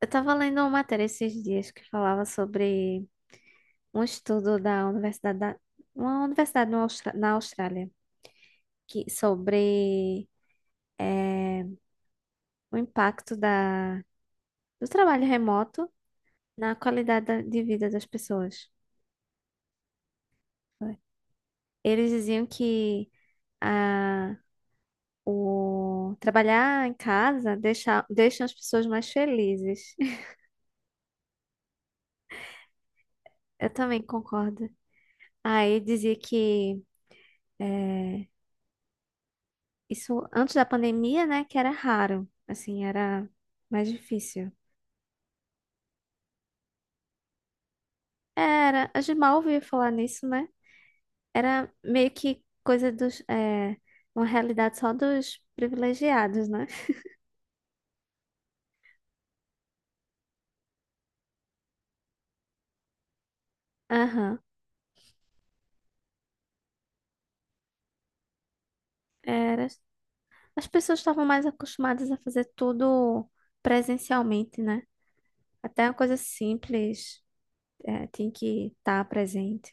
Eu tava lendo uma matéria esses dias que falava sobre um estudo uma universidade no Austra- na Austrália que sobre eh, o impacto do trabalho remoto na qualidade de vida das pessoas. Eles diziam que a, o trabalhar em casa deixa as pessoas mais felizes. Eu também concordo. Aí dizia que eh, isso antes da pandemia, né? Que era raro. Assim, era mais difícil. Era, a gente mal ouvia falar nisso, né? Era meio que coisa dos. É, uma realidade só dos privilegiados, né? Aham. Era. As pessoas estavam mais acostumadas a fazer tudo presencialmente, né? Até uma coisa simples, é, tinha que estar presente.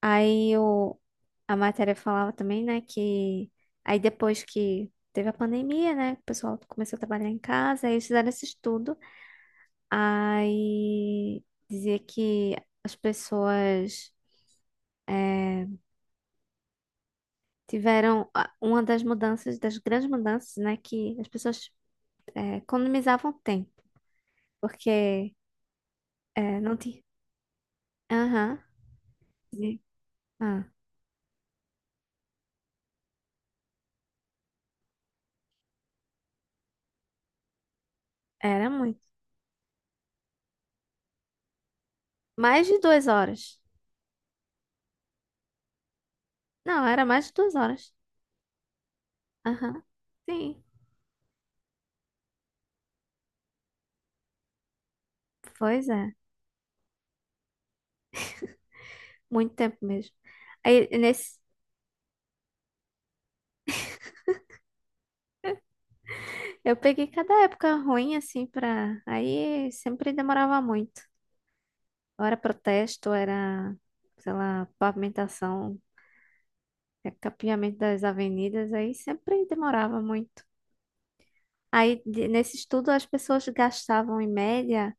Aí a matéria falava também, né, que aí depois que teve a pandemia, né, o pessoal começou a trabalhar em casa, aí eles fizeram esse estudo, aí dizia que as pessoas eh, tiveram uma das grandes mudanças, né, que as pessoas economizavam tempo, porque não tinha... Aham. Dizia- Ah, era muito. Mais de 2 horas. Não, era mais de 2 horas. Aham. Sim, pois é. Muito tempo mesmo. Aí nesse eu peguei cada época ruim assim pra. Aí sempre demorava muito. Ou era protesto, ou era, sei lá, pavimentação, é, capeamento das avenidas, aí sempre demorava muito. Aí nesse estudo as pessoas gastavam em média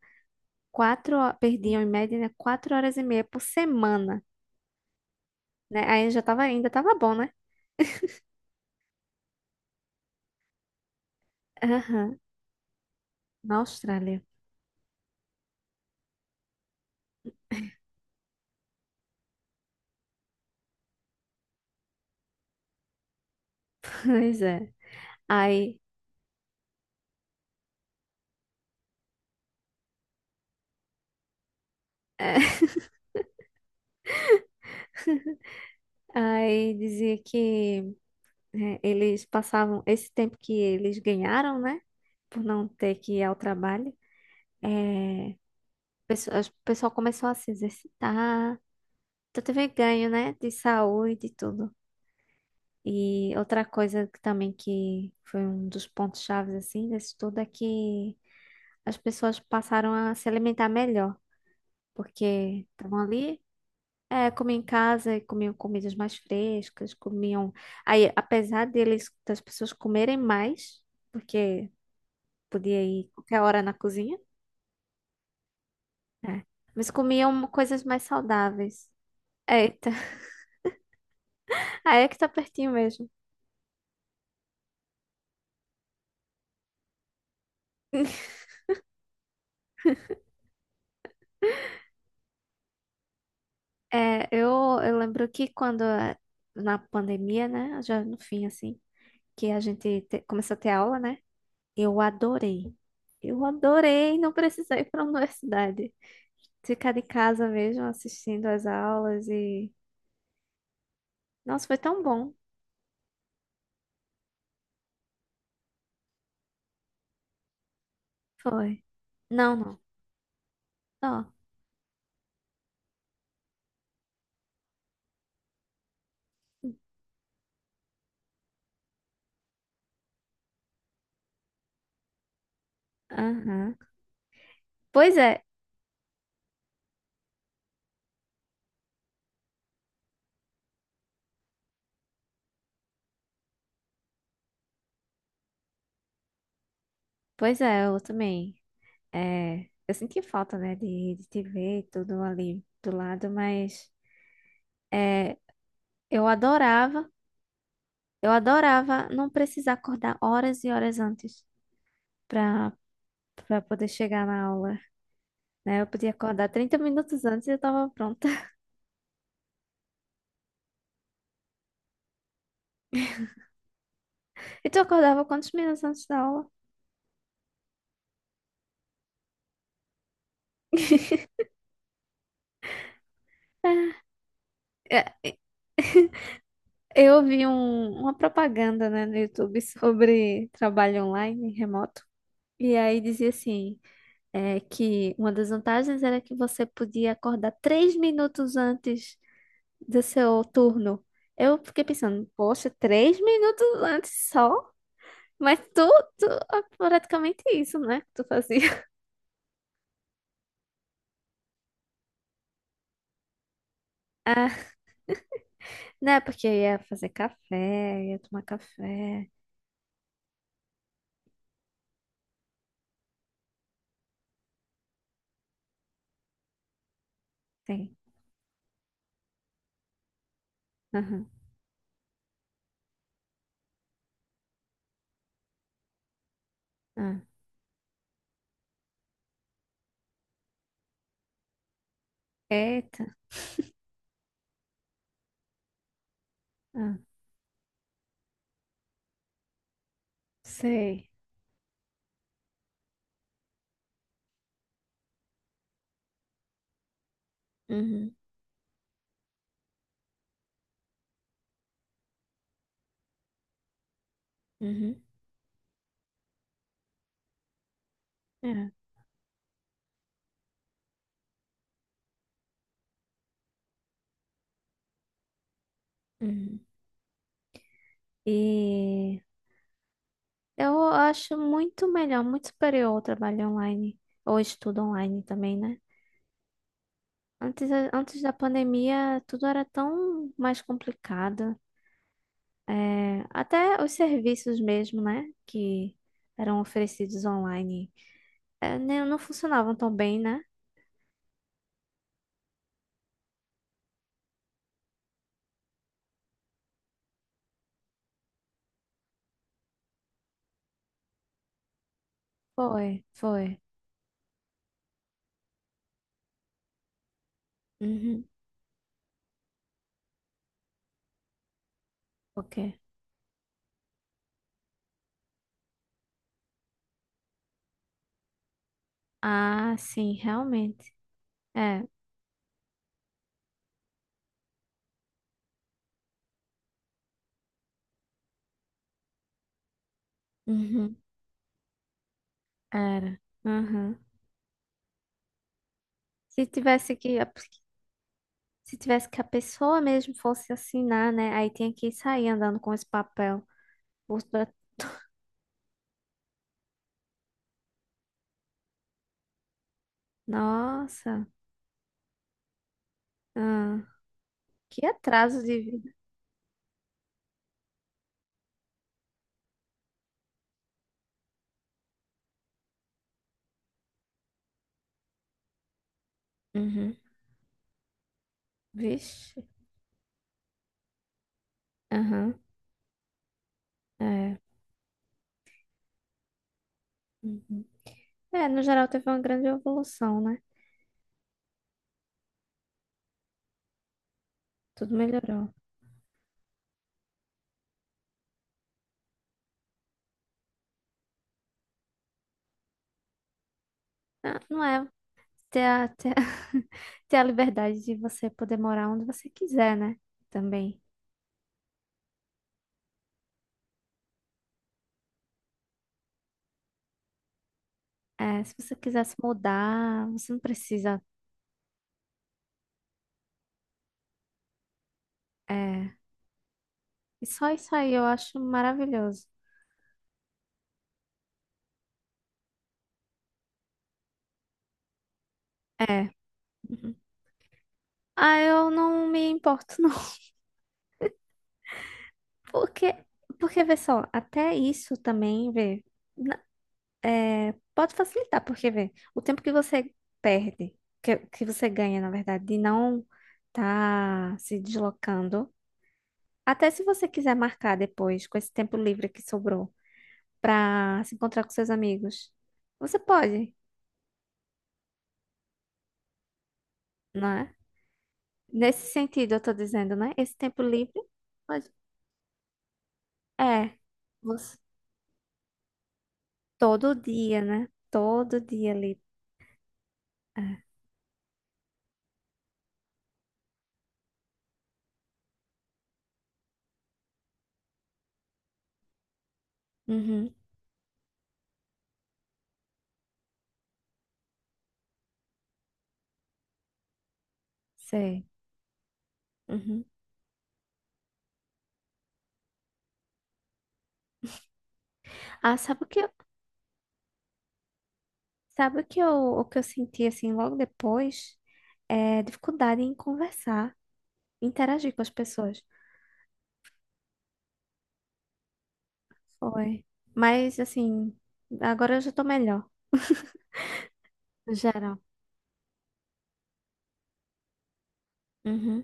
perdiam em média, né, 4 horas e meia por semana, né? Aí já tava, ainda tava bom, né? Aham. Na Austrália. Pois é. Aí, aí dizia que né, eles passavam esse tempo que eles ganharam, né? Por não ter que ir ao trabalho. É, o pessoal começou a se exercitar. Então teve ganho, né? De saúde e tudo. E outra coisa que também que foi um dos pontos chaves assim desse tudo é que as pessoas passaram a se alimentar melhor, porque estavam ali, é, comiam em casa, e comiam comidas mais frescas, comiam. Aí, apesar deles das pessoas comerem mais, porque podia ir qualquer hora na cozinha. É. Mas comiam coisas mais saudáveis. Eita, aí é que tá pertinho mesmo. É, eu, lembro que quando na pandemia, né, já no fim assim, que a gente começou a ter aula, né? Eu adorei. Eu adorei não precisar ir para a universidade. Ficar de casa mesmo assistindo as aulas e nossa, foi tão bom. Foi. Não, não. Ó. Aham. Pois é. Pois é, eu também. É, eu senti falta, né, de te ver tudo ali do lado, mas é, eu adorava, eu adorava não precisar acordar horas e horas antes pra, pra, poder chegar na aula, né? Eu podia acordar 30 minutos antes e eu tava pronta. E tu acordava quantos minutos antes da aula? É, eu vi uma propaganda, né, no YouTube sobre trabalho online, remoto, e aí dizia assim. É que uma das vantagens era que você podia acordar 3 minutos antes do seu turno. Eu fiquei pensando, poxa, 3 minutos antes só? Mas tu é praticamente isso, né? Que tu fazia. Ah, né? Porque eu ia fazer café, ia tomar café. Tem. Aham. Ah. Eita. Ah, sei. Uhum. Uhum. É. Uhum. E. Eu acho muito melhor, muito superior o trabalho online, ou estudo online também, né? Antes, antes da pandemia, tudo era tão mais complicado. É, até os serviços mesmo, né? Que eram oferecidos online, é, não funcionavam tão bem, né? Foi, foi. Uhum. O Ah, sim, realmente. É. Uhum. Era. Uhum. Se tivesse que Se tivesse que a pessoa mesmo fosse assinar, né? Aí tinha que sair andando com esse papel. Os bra- Nossa, ah, que atraso de vida. Uhum. Vixe. Aham, é. Uhum. É, no geral teve uma grande evolução, né? Tudo melhorou. Ah, não é ter a, ter a, ter a liberdade de você poder morar onde você quiser, né? Também. É, se você quiser se mudar, você não precisa. É. E só isso aí eu acho maravilhoso. É. Uhum. Ah, eu não me importo, não. Porque, porque, vê só, até isso também, vê, pode facilitar, porque, vê, o tempo que você perde, que você ganha, na verdade, de não tá se deslocando, até se você quiser marcar depois, com esse tempo livre que sobrou, pra se encontrar com seus amigos, você pode, não é? Nesse sentido, eu tô dizendo, né? Esse tempo livre, pode. É, você, todo dia, né? Todo dia ali. É. Uhum. Sei. Uhum. Ah, o que eu senti assim logo depois? É dificuldade em conversar, interagir com as pessoas. Foi. Mas assim, agora eu já tô melhor, no geral. Uhum.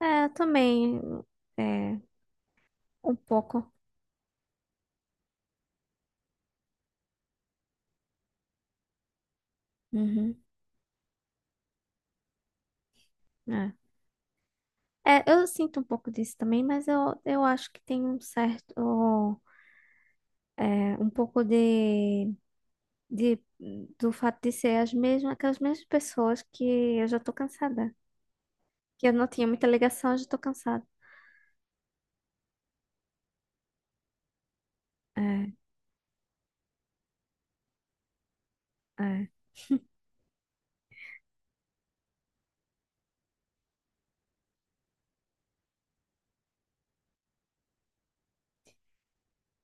É, eu também é, um pouco. Uhum. É. É, eu sinto um pouco disso também, mas eu acho que tem um certo, é, um pouco de, do fato de ser as mesmas, aquelas mesmas pessoas que eu já tô cansada. Que eu não tinha muita ligação, eu já tô cansada. É, é.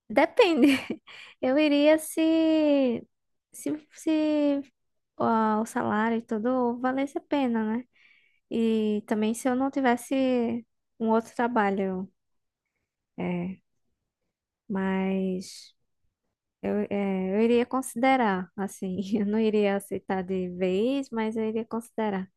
Depende. Eu iria se ó, o salário e tudo valesse a pena, né? E também se eu não tivesse um outro trabalho. É, mas eu, é, eu iria considerar, assim. Eu não iria aceitar de vez, mas eu iria considerar.